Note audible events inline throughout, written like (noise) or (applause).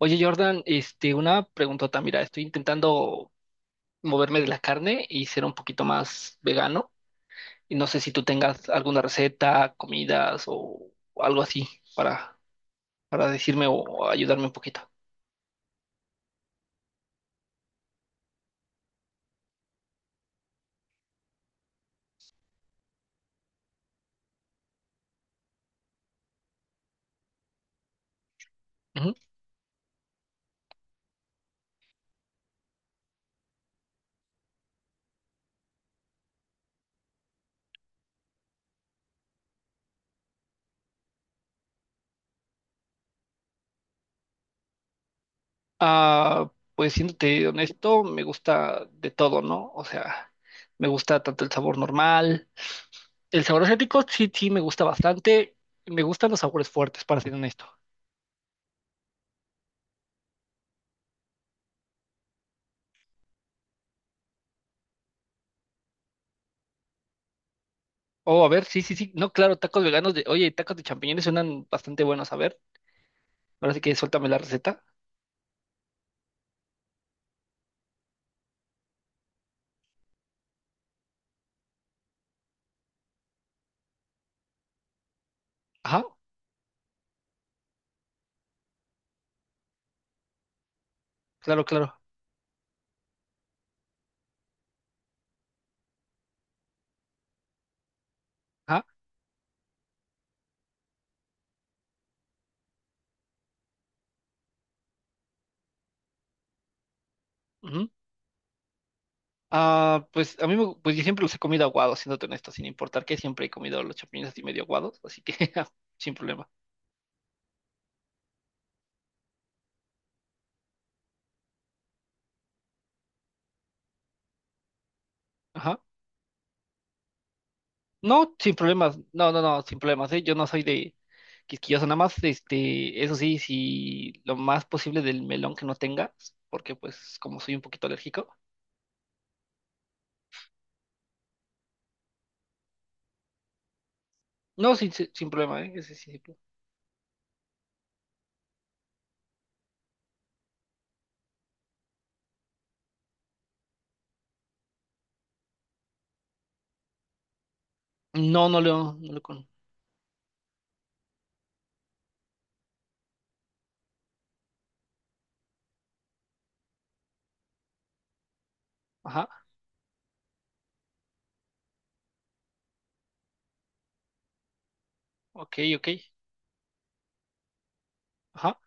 Oye, Jordan, una preguntota. Mira, estoy intentando moverme de la carne y ser un poquito más vegano. Y no sé si tú tengas alguna receta, comidas o algo así para, para decirme o ayudarme un poquito. Ujú. Ah, pues siéndote honesto, me gusta de todo, ¿no? O sea, me gusta tanto el sabor normal. El sabor asiático sí, sí, me gusta bastante. Me gustan los sabores fuertes, para ser honesto. Oh, a ver, sí, sí, sí. No, claro, tacos veganos de. Oye, tacos de champiñones suenan bastante buenos. A ver, ahora sí que suéltame la receta. Ajá, claro, claro. Ajá. Ujú. Ah, pues a mí me, pues yo siempre los he comido aguados, siéndote honesto, sin importar que siempre he comido los champiñones así medio aguados, así que (laughs) ja, sin problema. Ajá. No, sin problemas. No, no, no, sin problemas, ¿eh? Yo no soy de quisquilloso, nada más, eso sí, si lo más posible del melón que no tengas, porque pues como soy un poquito alérgico. No, sin problema, ¿eh? Ese sí, sí. No, no lo con. Ajá, ok, ok. Ajá,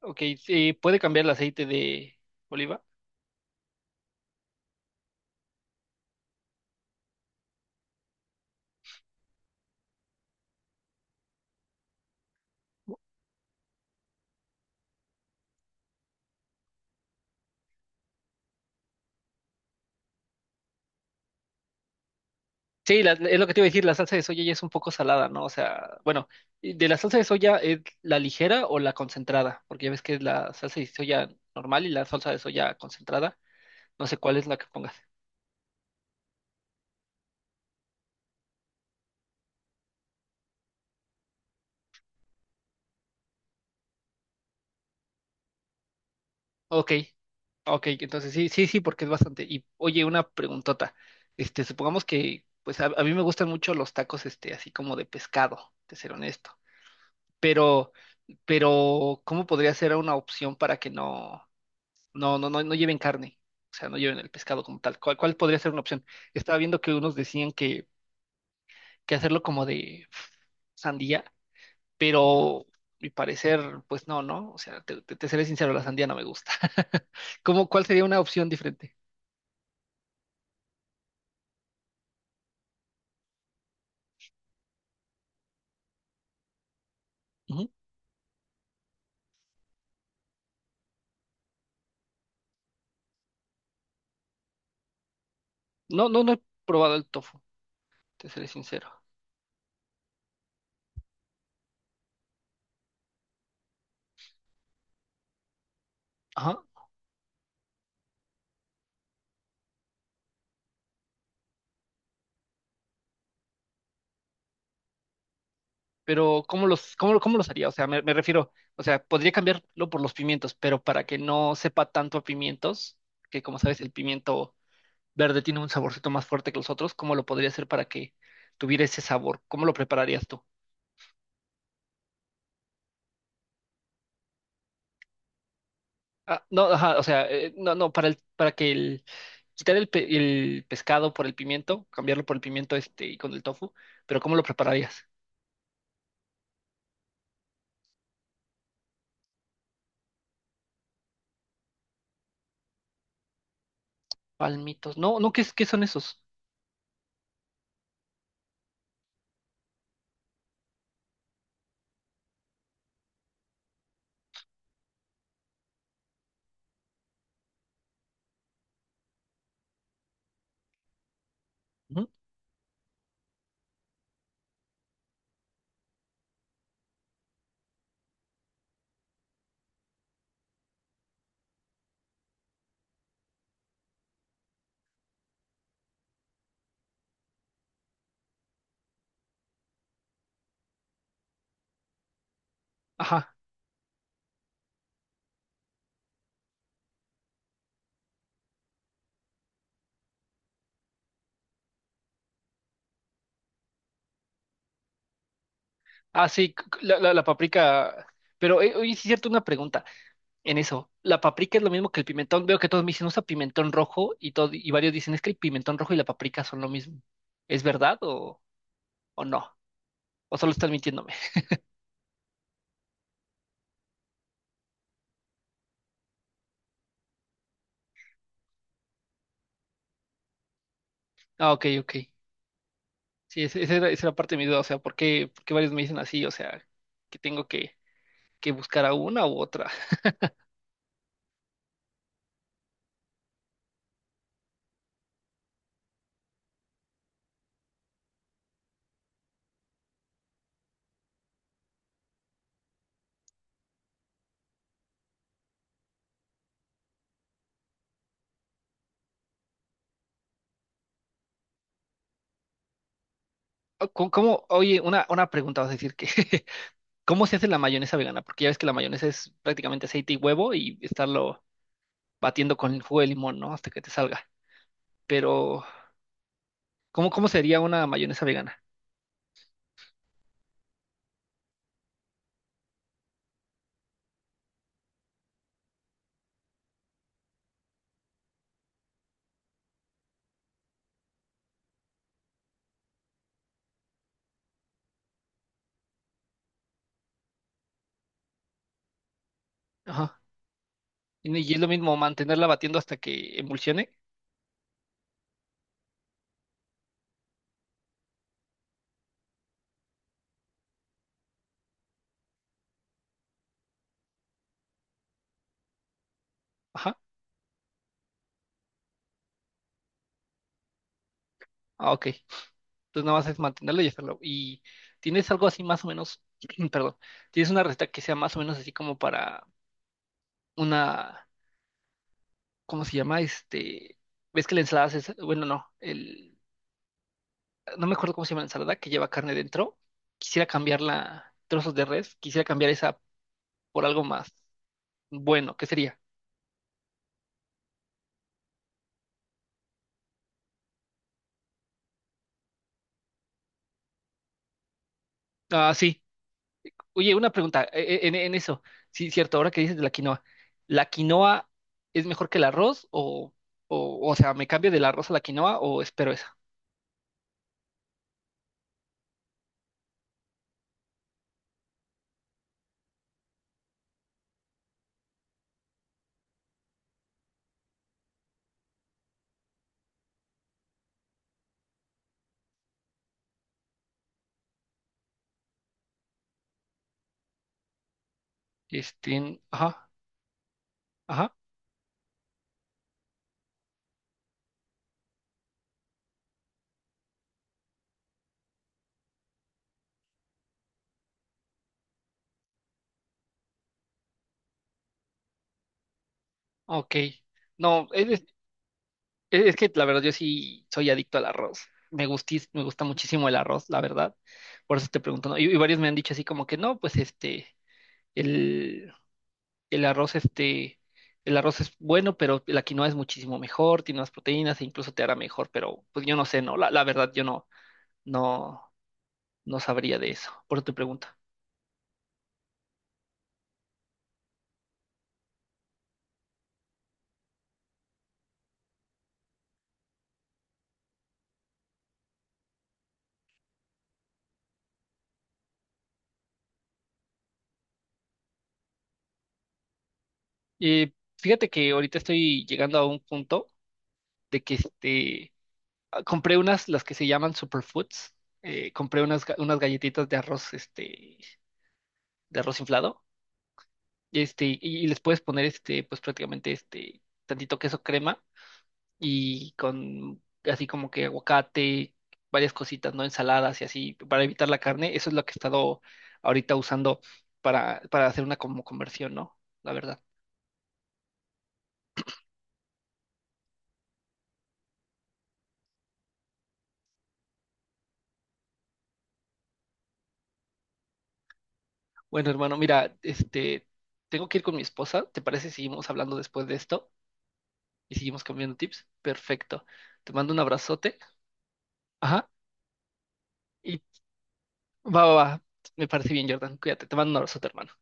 ok. Sí, puede cambiar el aceite de oliva. Sí, es lo que te iba a decir, la salsa de soya ya es un poco salada, ¿no? O sea, bueno, y de la salsa de soya es la ligera o la concentrada, porque ya ves que es la salsa de soya normal y la salsa de soya concentrada. No sé cuál es la que pongas. Ok, ok, entonces sí, sí, sí, porque es bastante. Y oye, una preguntota. Supongamos que, pues a mí me gustan mucho los tacos, así como de pescado, de ser honesto. Pero pero ¿cómo podría ser una opción para que no lleven carne? O sea, no lleven el pescado como tal. ¿Cuál podría ser una opción? Estaba viendo que unos decían que hacerlo como de sandía, pero mi parecer, pues no, ¿no? O sea, te seré sincero, la sandía no me gusta. (laughs) ¿Cómo, cuál sería una opción diferente? Ujú. No, no, no he probado el tofu, te seré sincero. Pero ¿cómo los haría? O sea, me refiero, o sea, podría cambiarlo por los pimientos, pero para que no sepa tanto a pimientos, que como sabes, el pimiento verde tiene un saborcito más fuerte que los otros, ¿cómo lo podría hacer para que tuviera ese sabor? ¿Cómo lo prepararías tú? Ah, no, ajá, o sea, no, no, quitar el pescado por el pimiento, cambiarlo por el pimiento este y con el tofu, pero ¿cómo lo prepararías? Palmitos, no, no, ¿qué son esos? Ujú. Ajá. Ah, sí, la paprika. Pero oye, sí es cierto, una pregunta en eso. ¿La paprika es lo mismo que el pimentón? Veo que todos me dicen, usa pimentón rojo y, todo, y varios dicen, es que el pimentón rojo y la paprika son lo mismo. ¿Es verdad o no? ¿O solo están mintiéndome? Ah, ok, ok. Sí, esa era parte de mi duda. O sea, ¿por qué varios me dicen así? O sea, que tengo que buscar a una u otra. Ah, oye, una pregunta, vas a decir que, (laughs) ¿cómo se hace la mayonesa vegana? Porque ya ves que la mayonesa es prácticamente aceite y huevo y estarlo batiendo con el jugo de limón, ¿no? Hasta que te salga. Pero, ¿cómo sería una mayonesa vegana? Ajá. Y es lo mismo mantenerla batiendo hasta que emulsione. Ajá. Ah, ok. Entonces nada más es mantenerla y hacerlo. ¿Y tienes algo así más o menos, (clears throat) perdón, tienes una receta que sea más o menos así como para una, ¿cómo se llama? ¿Ves que la ensalada es, bueno, no, el, no me acuerdo cómo se llama la ensalada que lleva carne dentro? Quisiera cambiarla, trozos de res, quisiera cambiar esa por algo más bueno. ¿Qué sería? Ah, sí. Oye, una pregunta en eso. Sí, cierto, ahora que dices de la quinoa. ¿La quinoa es mejor que el arroz o, o, sea, me cambio del arroz a la quinoa o espero esa? Ajá, ajá, ok. No, es que la verdad yo sí soy adicto al arroz. Me gusta muchísimo el arroz, la verdad. Por eso te pregunto, ¿no? Y varios me han dicho así como que no, pues el, el arroz, este, el arroz es bueno, pero la quinoa es muchísimo mejor, tiene más proteínas e incluso te hará mejor, pero pues yo no sé, ¿no? La verdad, yo no, no sabría de eso, por eso te pregunto. Fíjate que ahorita estoy llegando a un punto de que compré unas, las que se llaman superfoods, compré unas, unas galletitas de arroz, de arroz inflado, y les puedes poner, pues prácticamente, tantito queso crema y con así como que aguacate, varias cositas, ¿no? Ensaladas y así, para evitar la carne. Eso es lo que he estado ahorita usando para hacer una como conversión, ¿no? La verdad. Bueno, hermano, mira, tengo que ir con mi esposa. ¿Te parece si seguimos hablando después de esto y seguimos cambiando tips? Perfecto. Te mando un abrazote. Ajá. Y va, va, va. Me parece bien, Jordan. Cuídate. Te mando un abrazote, hermano.